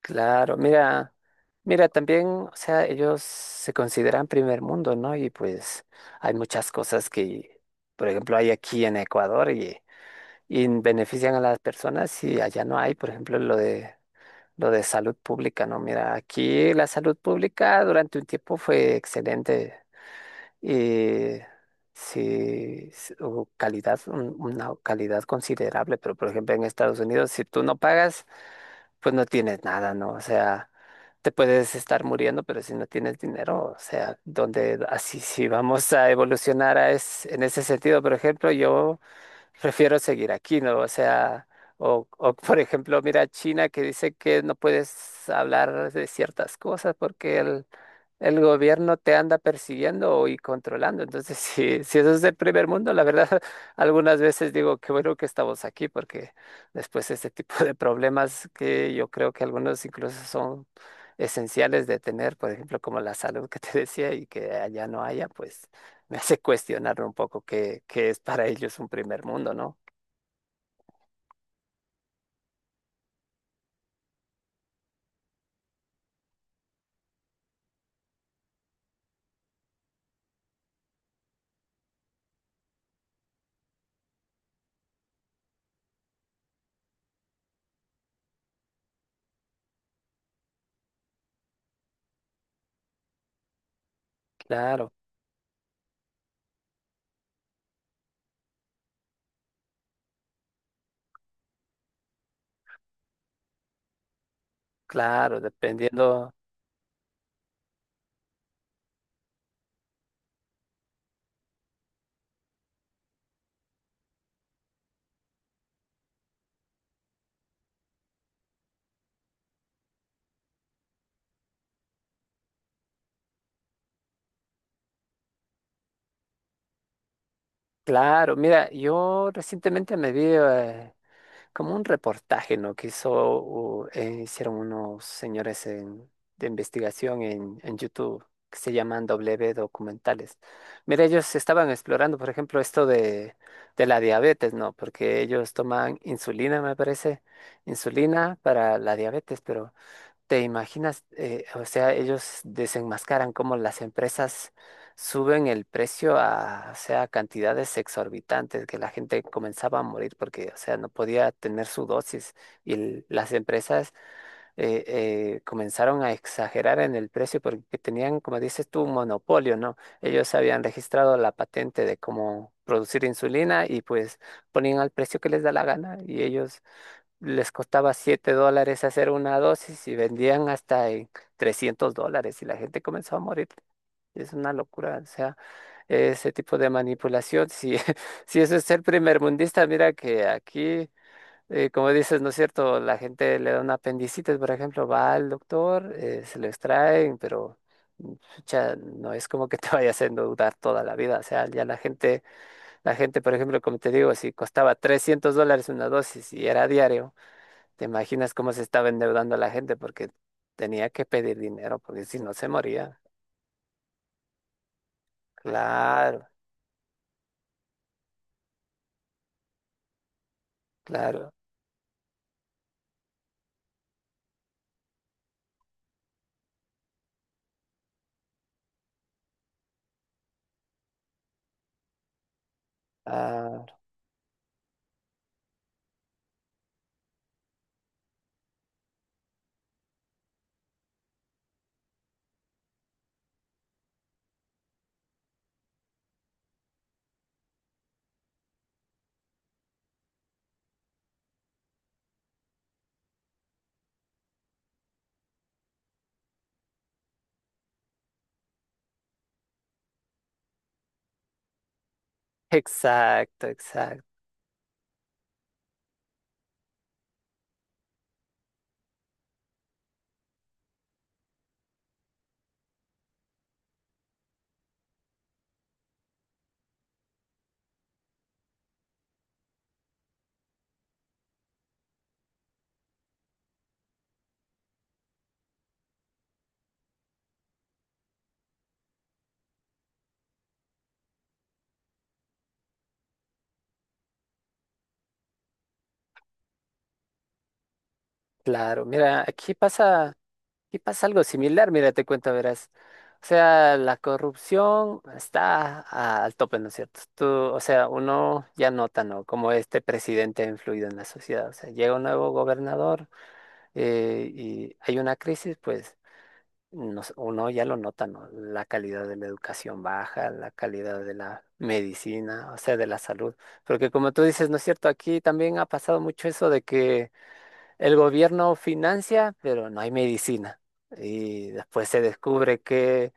Claro, mira, mira, también, o sea, ellos se consideran primer mundo, ¿no? Y pues hay muchas cosas que, por ejemplo, hay aquí en Ecuador y benefician a las personas y allá no hay, por ejemplo, lo de salud pública, ¿no? Mira, aquí la salud pública durante un tiempo fue excelente y sí, hubo calidad, una calidad considerable, pero por ejemplo en Estados Unidos, si tú no pagas pues no tienes nada, ¿no? O sea, te puedes estar muriendo, pero si no tienes dinero, o sea, donde así si vamos a evolucionar a es, en ese sentido, por ejemplo, yo prefiero seguir aquí, ¿no? O sea, o por ejemplo, mira China que dice que no puedes hablar de ciertas cosas porque el gobierno te anda persiguiendo y controlando. Entonces, si, si eso es del primer mundo, la verdad, algunas veces digo, qué bueno que estamos aquí, porque después este tipo de problemas que yo creo que algunos incluso son esenciales de tener, por ejemplo, como la salud que te decía y que allá no haya, pues me hace cuestionar un poco qué es para ellos un primer mundo, ¿no? Claro, claro, dependiendo. Claro, mira, yo recientemente me vi, como un reportaje, ¿no? Que hizo, hicieron unos señores de investigación en YouTube que se llaman W Documentales. Mira, ellos estaban explorando, por ejemplo, esto de la diabetes, ¿no? Porque ellos toman insulina, me parece, insulina para la diabetes, pero ¿te imaginas? O sea, ellos desenmascaran cómo las empresas suben el precio a, o sea, cantidades exorbitantes, que la gente comenzaba a morir porque, o sea, no podía tener su dosis y las empresas eh, comenzaron a exagerar en el precio porque tenían, como dices tú, un monopolio, ¿no? Ellos habían registrado la patente de cómo producir insulina y pues ponían al precio que les da la gana y ellos les costaba $7 hacer una dosis y vendían hasta en $300 y la gente comenzó a morir. Es una locura, o sea, ese tipo de manipulación, si, si eso es ser primermundista, mira que aquí, como dices, ¿no es cierto? La gente le da una apendicitis, por ejemplo, va al doctor, se lo extraen, pero pucha, no es como que te vaya haciendo dudar toda la vida, o sea, ya la gente, por ejemplo, como te digo, si costaba $300 una dosis y era diario, ¿te imaginas cómo se estaba endeudando la gente? Porque tenía que pedir dinero, porque si no se moría. Claro, claro. Ah, exacto, exacto. Claro. Mira, aquí pasa algo similar. Mira, te cuento, verás. O sea, la corrupción está al tope, ¿no es cierto? Tú, o sea, uno ya nota, ¿no? Cómo este presidente ha influido en la sociedad. O sea, llega un nuevo gobernador y hay una crisis, pues. Nos- uno ya lo nota, ¿no? La calidad de la educación baja, la calidad de la medicina, o sea, de la salud. Porque como tú dices, ¿no es cierto? Aquí también ha pasado mucho eso de que el gobierno financia, pero no hay medicina. Y después se descubre que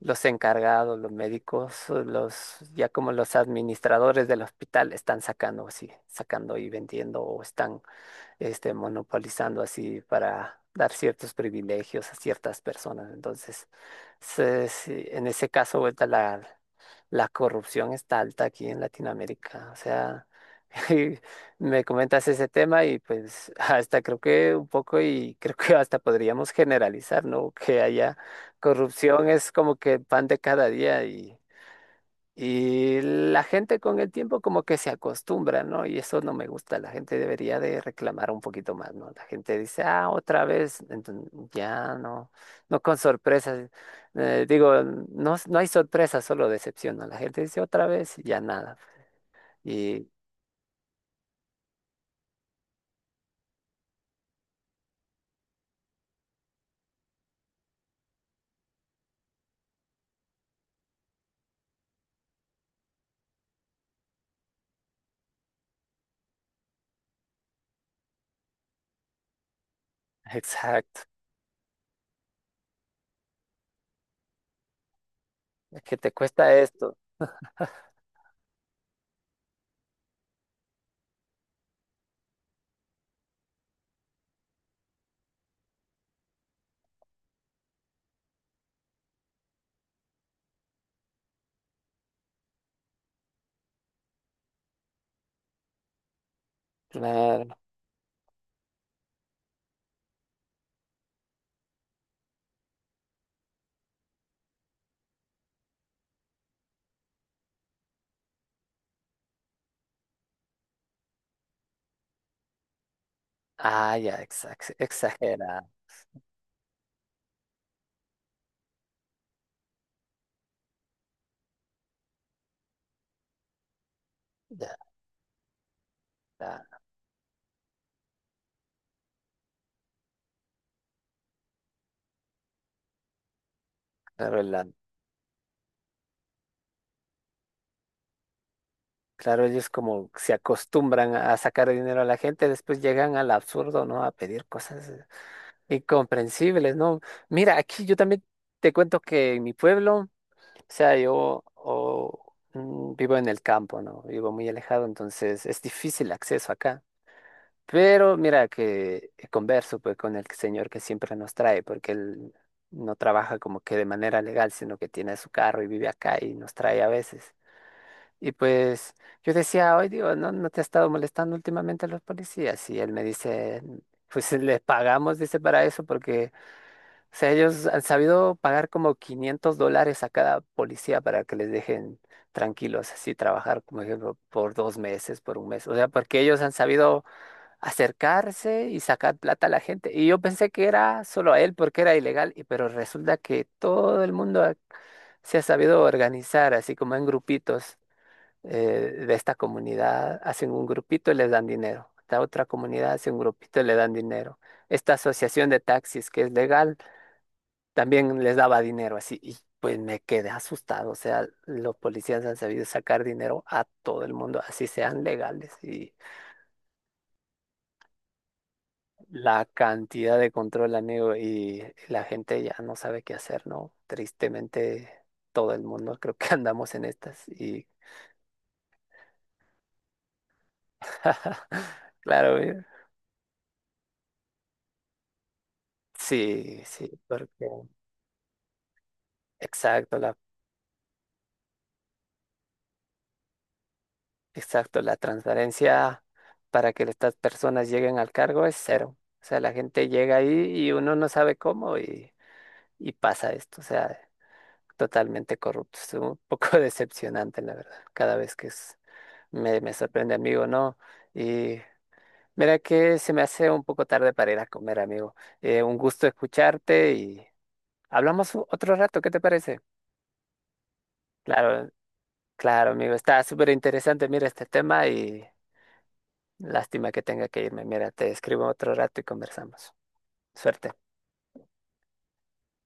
los encargados, los médicos, los, ya como los administradores del hospital están sacando, sí, sacando y vendiendo o están este, monopolizando así para dar ciertos privilegios a ciertas personas. Entonces, sí, en ese caso, vuelta la corrupción está alta aquí en Latinoamérica. O sea, me comentas ese tema y pues hasta creo que un poco y creo que hasta podríamos generalizar, ¿no? Que haya corrupción es como que el pan de cada día y la gente con el tiempo como que se acostumbra, ¿no? Y eso no me gusta. La gente debería de reclamar un poquito más, ¿no? La gente dice, ah, otra vez, entonces ya no, no con sorpresas. Digo, no, no hay sorpresa, solo decepción, ¿no? La gente dice otra vez y ya nada. Y exacto, es que te cuesta esto. Claro. Ah, ya, exagera. Ya, ya. Claro, ellos como se acostumbran a sacar dinero a la gente, después llegan al absurdo, ¿no? A pedir cosas incomprensibles, ¿no? Mira, aquí yo también te cuento que en mi pueblo, o sea, yo vivo en el campo, ¿no? Vivo muy alejado, entonces es difícil acceso acá. Pero mira que converso pues con el señor que siempre nos trae, porque él no trabaja como que de manera legal, sino que tiene su carro y vive acá y nos trae a veces. Y pues yo decía, hoy digo, ¿no, no te ha estado molestando últimamente a los policías? Y él me dice, "Mm, pues les pagamos", dice, para eso, porque, o sea, ellos han sabido pagar como $500 a cada policía para que les dejen tranquilos, así trabajar, como ejemplo, por 2 meses, por un mes. O sea, porque ellos han sabido acercarse y sacar plata a la gente. Y yo pensé que era solo a él porque era ilegal, y, pero resulta que todo el mundo se ha sabido organizar, así como en grupitos de esta comunidad hacen un grupito y les dan dinero. La otra comunidad hace un grupito y le dan dinero. Esta asociación de taxis que es legal también les daba dinero así. Y pues me quedé asustado. O sea, los policías han sabido sacar dinero a todo el mundo, así sean legales. Y la cantidad de control, amigo, y la gente ya no sabe qué hacer, ¿no? Tristemente, todo el mundo creo que andamos en estas. Y claro, sí, sí, porque exacto, exacto, la transparencia para que estas personas lleguen al cargo es cero. O sea, la gente llega ahí y uno no sabe cómo y pasa esto. O sea, totalmente corrupto. Es un poco decepcionante, la verdad. Cada vez que me sorprende, amigo, ¿no? Y mira que se me hace un poco tarde para ir a comer, amigo. Un gusto escucharte y hablamos otro rato, ¿qué te parece? Claro, claro, amigo. Está súper interesante, mira, este tema y lástima que tenga que irme. Mira, te escribo otro rato y conversamos. Suerte.